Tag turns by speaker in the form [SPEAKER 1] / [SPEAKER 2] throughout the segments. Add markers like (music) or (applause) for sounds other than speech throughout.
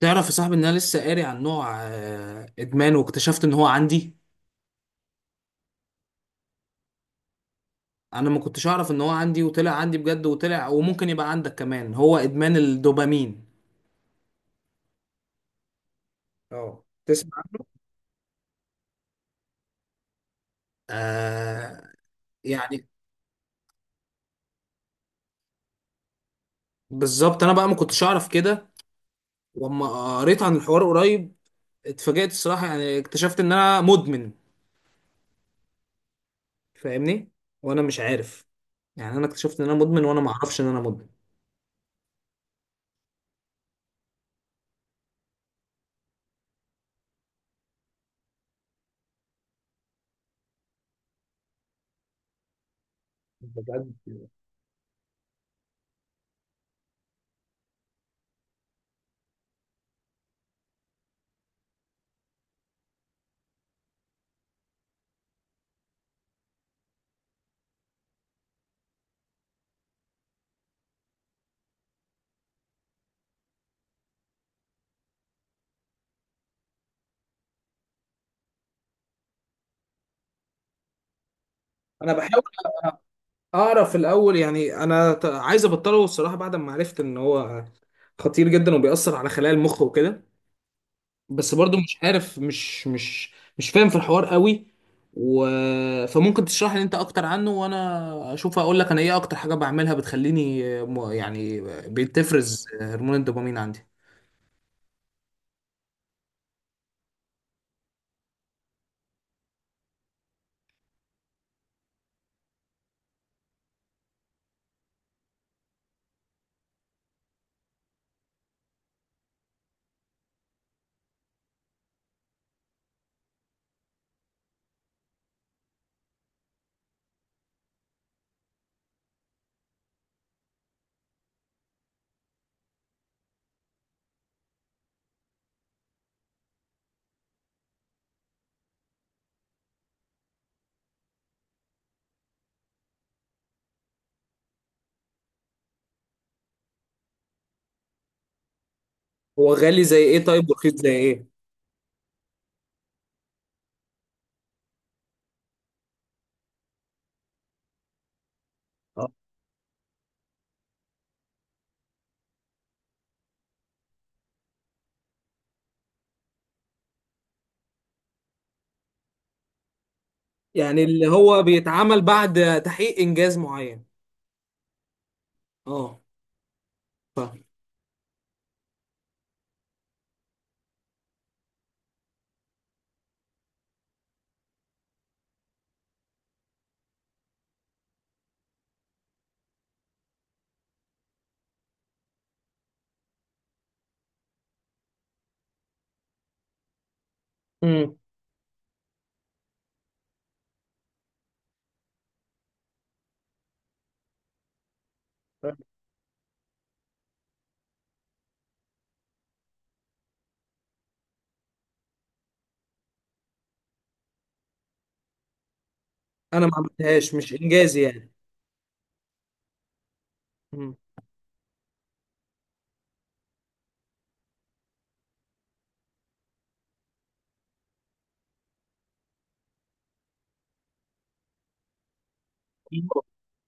[SPEAKER 1] تعرف يا صاحبي ان انا لسه قاري عن نوع ادمان واكتشفت ان هو عندي. انا ما كنتش اعرف ان هو عندي وطلع عندي بجد وطلع، وممكن يبقى عندك كمان. هو ادمان الدوبامين. اه، تسمع عنه؟ آه. يعني بالظبط، انا بقى ما كنتش اعرف كده. واما قريت عن الحوار قريب، اتفاجأت الصراحة، يعني اكتشفت ان انا مدمن. فاهمني؟ وانا مش عارف. يعني انا اكتشفت ان انا مدمن وانا ما اعرفش ان انا مدمن. بجد، انا بحاول اعرف الاول. يعني انا عايز ابطله الصراحه، بعد ما عرفت ان هو خطير جدا وبيأثر على خلايا المخ وكده. بس برضو مش عارف، مش فاهم في الحوار قوي و... فممكن تشرح لي انت اكتر عنه، وانا اشوف اقول لك انا ايه اكتر حاجه بعملها بتخليني، يعني، بتفرز هرمون الدوبامين عندي. هو غالي زي ايه؟ طيب، ورخيص زي ايه؟ اه، يعني اللي هو بيتعمل بعد تحقيق انجاز معين. اه، فاهم. امم انا ما عملتهاش، مش انجازي يعني.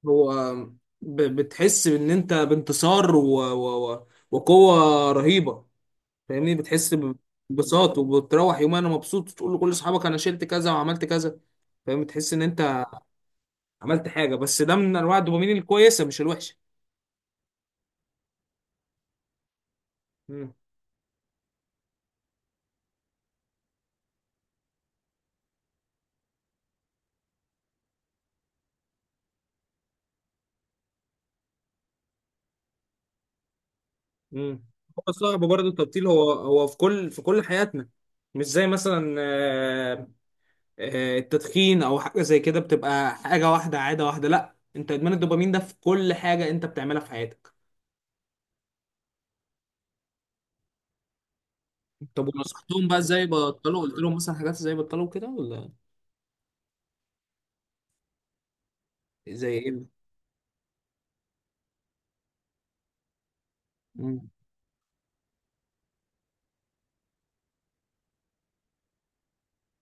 [SPEAKER 1] هو بتحس ان انت بانتصار وقوه رهيبه. فاهمني؟ بتحس ببساطه. وبتروح يومها انا مبسوط، تقول لكل اصحابك انا شلت كذا وعملت كذا. فاهم؟ تحس ان انت عملت حاجه. بس ده من انواع الدوبامين الكويسه، مش الوحشه. امم. امم. هو صعب برضه التبطيل. هو في كل حياتنا. مش زي مثلا التدخين او حاجه زي كده بتبقى حاجه واحده، عاده واحده. لا، انت ادمان الدوبامين ده في كل حاجه انت بتعملها في حياتك. طب، ونصحتهم بقى ازاي بطلوا؟ قلت لهم مثلا حاجات ازاي بطلوا كده ولا؟ زي ايه؟ مم.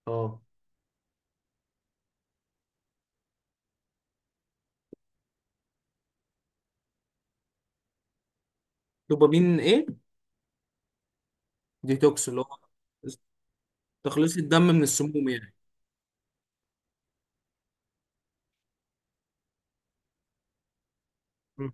[SPEAKER 1] اه، دوبامين ايه؟ ديتوكس اللي هو تخليص الدم من السموم يعني؟ مم.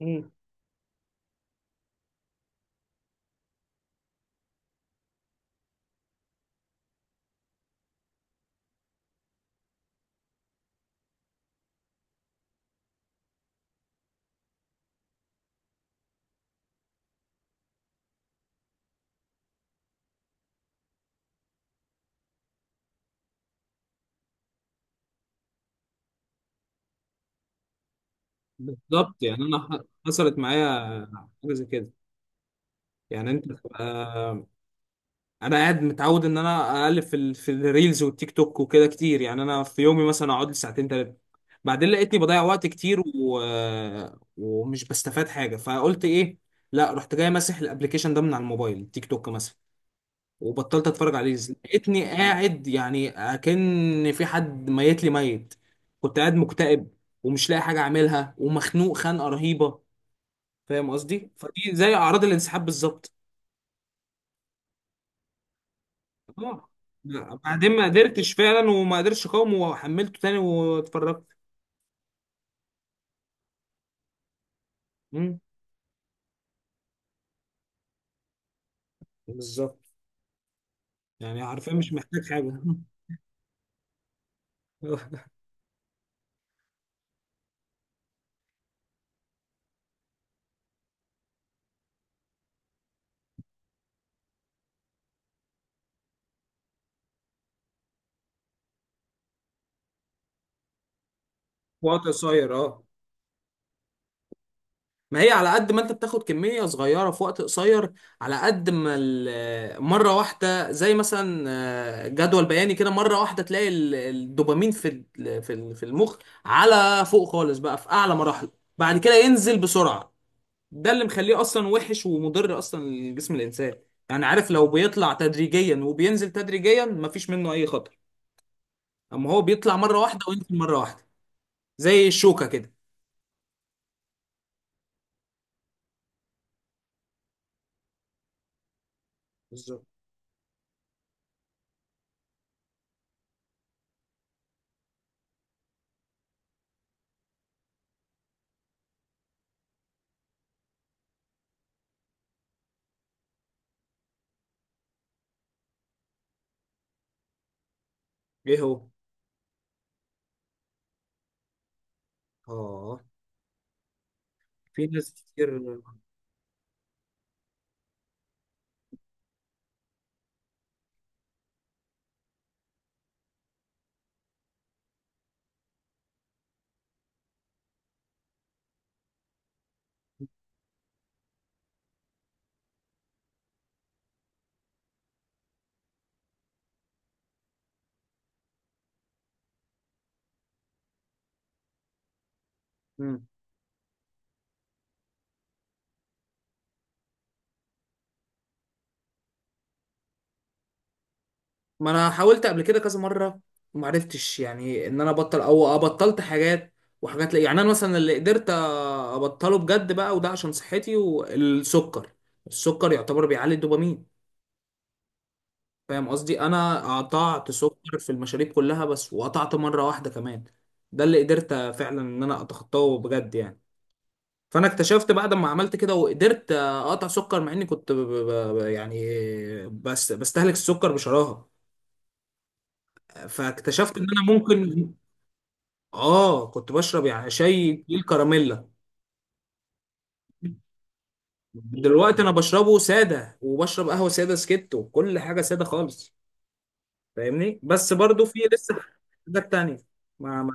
[SPEAKER 1] مم. بالظبط. يعني انا حصلت معايا حاجه زي كده. يعني انت تبقى، انا قاعد متعود ان انا اقلب في الريلز والتيك توك وكده كتير. يعني انا في يومي مثلا اقعد لي ساعتين ثلاثه، بعدين لقيتني بضيع وقت كتير و... آه، ومش بستفاد حاجه. فقلت ايه؟ لا، رحت جاي ماسح الابلكيشن ده من على الموبايل، تيك توك مثلا، وبطلت اتفرج عليه. لقيتني قاعد يعني اكن في حد ميت لي ميت. كنت قاعد مكتئب، ومش لاقي حاجه اعملها، ومخنوق خنقه رهيبه. فاهم قصدي؟ فدي زي اعراض الانسحاب بالظبط. اه، لا، بعدين ما قدرتش فعلا وما قدرتش اقاوم، وحملته تاني واتفرجت. مم. بالظبط، يعني حرفيا مش محتاج حاجه. (laughs) في وقت قصير، اه. ما هي على قد ما انت بتاخد كمية صغيرة في وقت قصير، على قد ما مرة واحدة. زي مثلا جدول بياني كده، مرة واحدة تلاقي الدوبامين في في المخ، على فوق خالص بقى، في أعلى مراحله. بعد كده ينزل بسرعة. ده اللي مخليه اصلا وحش ومضر اصلا لجسم الانسان. يعني عارف، لو بيطلع تدريجيا وبينزل تدريجيا مفيش منه اي خطر. اما هو بيطلع مره واحده وينزل مره واحده، زي الشوكه كده. بالظبط. ايه هو؟ اه، في ناس كتير. مم. ما انا حاولت قبل كده كذا مره، وما عرفتش يعني ان انا ابطل، او بطلت حاجات وحاجات. لا يعني، انا مثلا اللي قدرت ابطله بجد بقى، وده عشان صحتي، والسكر. السكر يعتبر بيعلي الدوبامين. فاهم قصدي؟ انا قطعت سكر في المشاريب كلها بس، وقطعت مره واحده كمان. ده اللي قدرت فعلا ان انا اتخطاه بجد يعني. فانا اكتشفت بعد ما عملت كده وقدرت اقطع سكر، مع اني كنت يعني، بس بستهلك السكر بشراهه. فاكتشفت ان انا ممكن. اه، كنت بشرب يعني شاي تقيل كراميلا. دلوقتي انا بشربه ساده، وبشرب قهوه ساده سكت، وكل حاجه ساده خالص. فاهمني؟ بس برضو في لسه حاجات تانية. ما،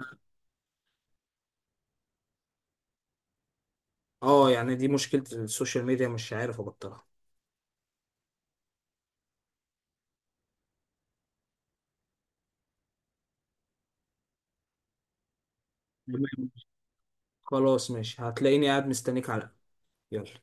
[SPEAKER 1] اه، يعني دي مشكلة السوشيال ميديا، مش عارف ابطلها. تمام. خلاص، ماشي، هتلاقيني قاعد مستنيك على القهوة. يلا.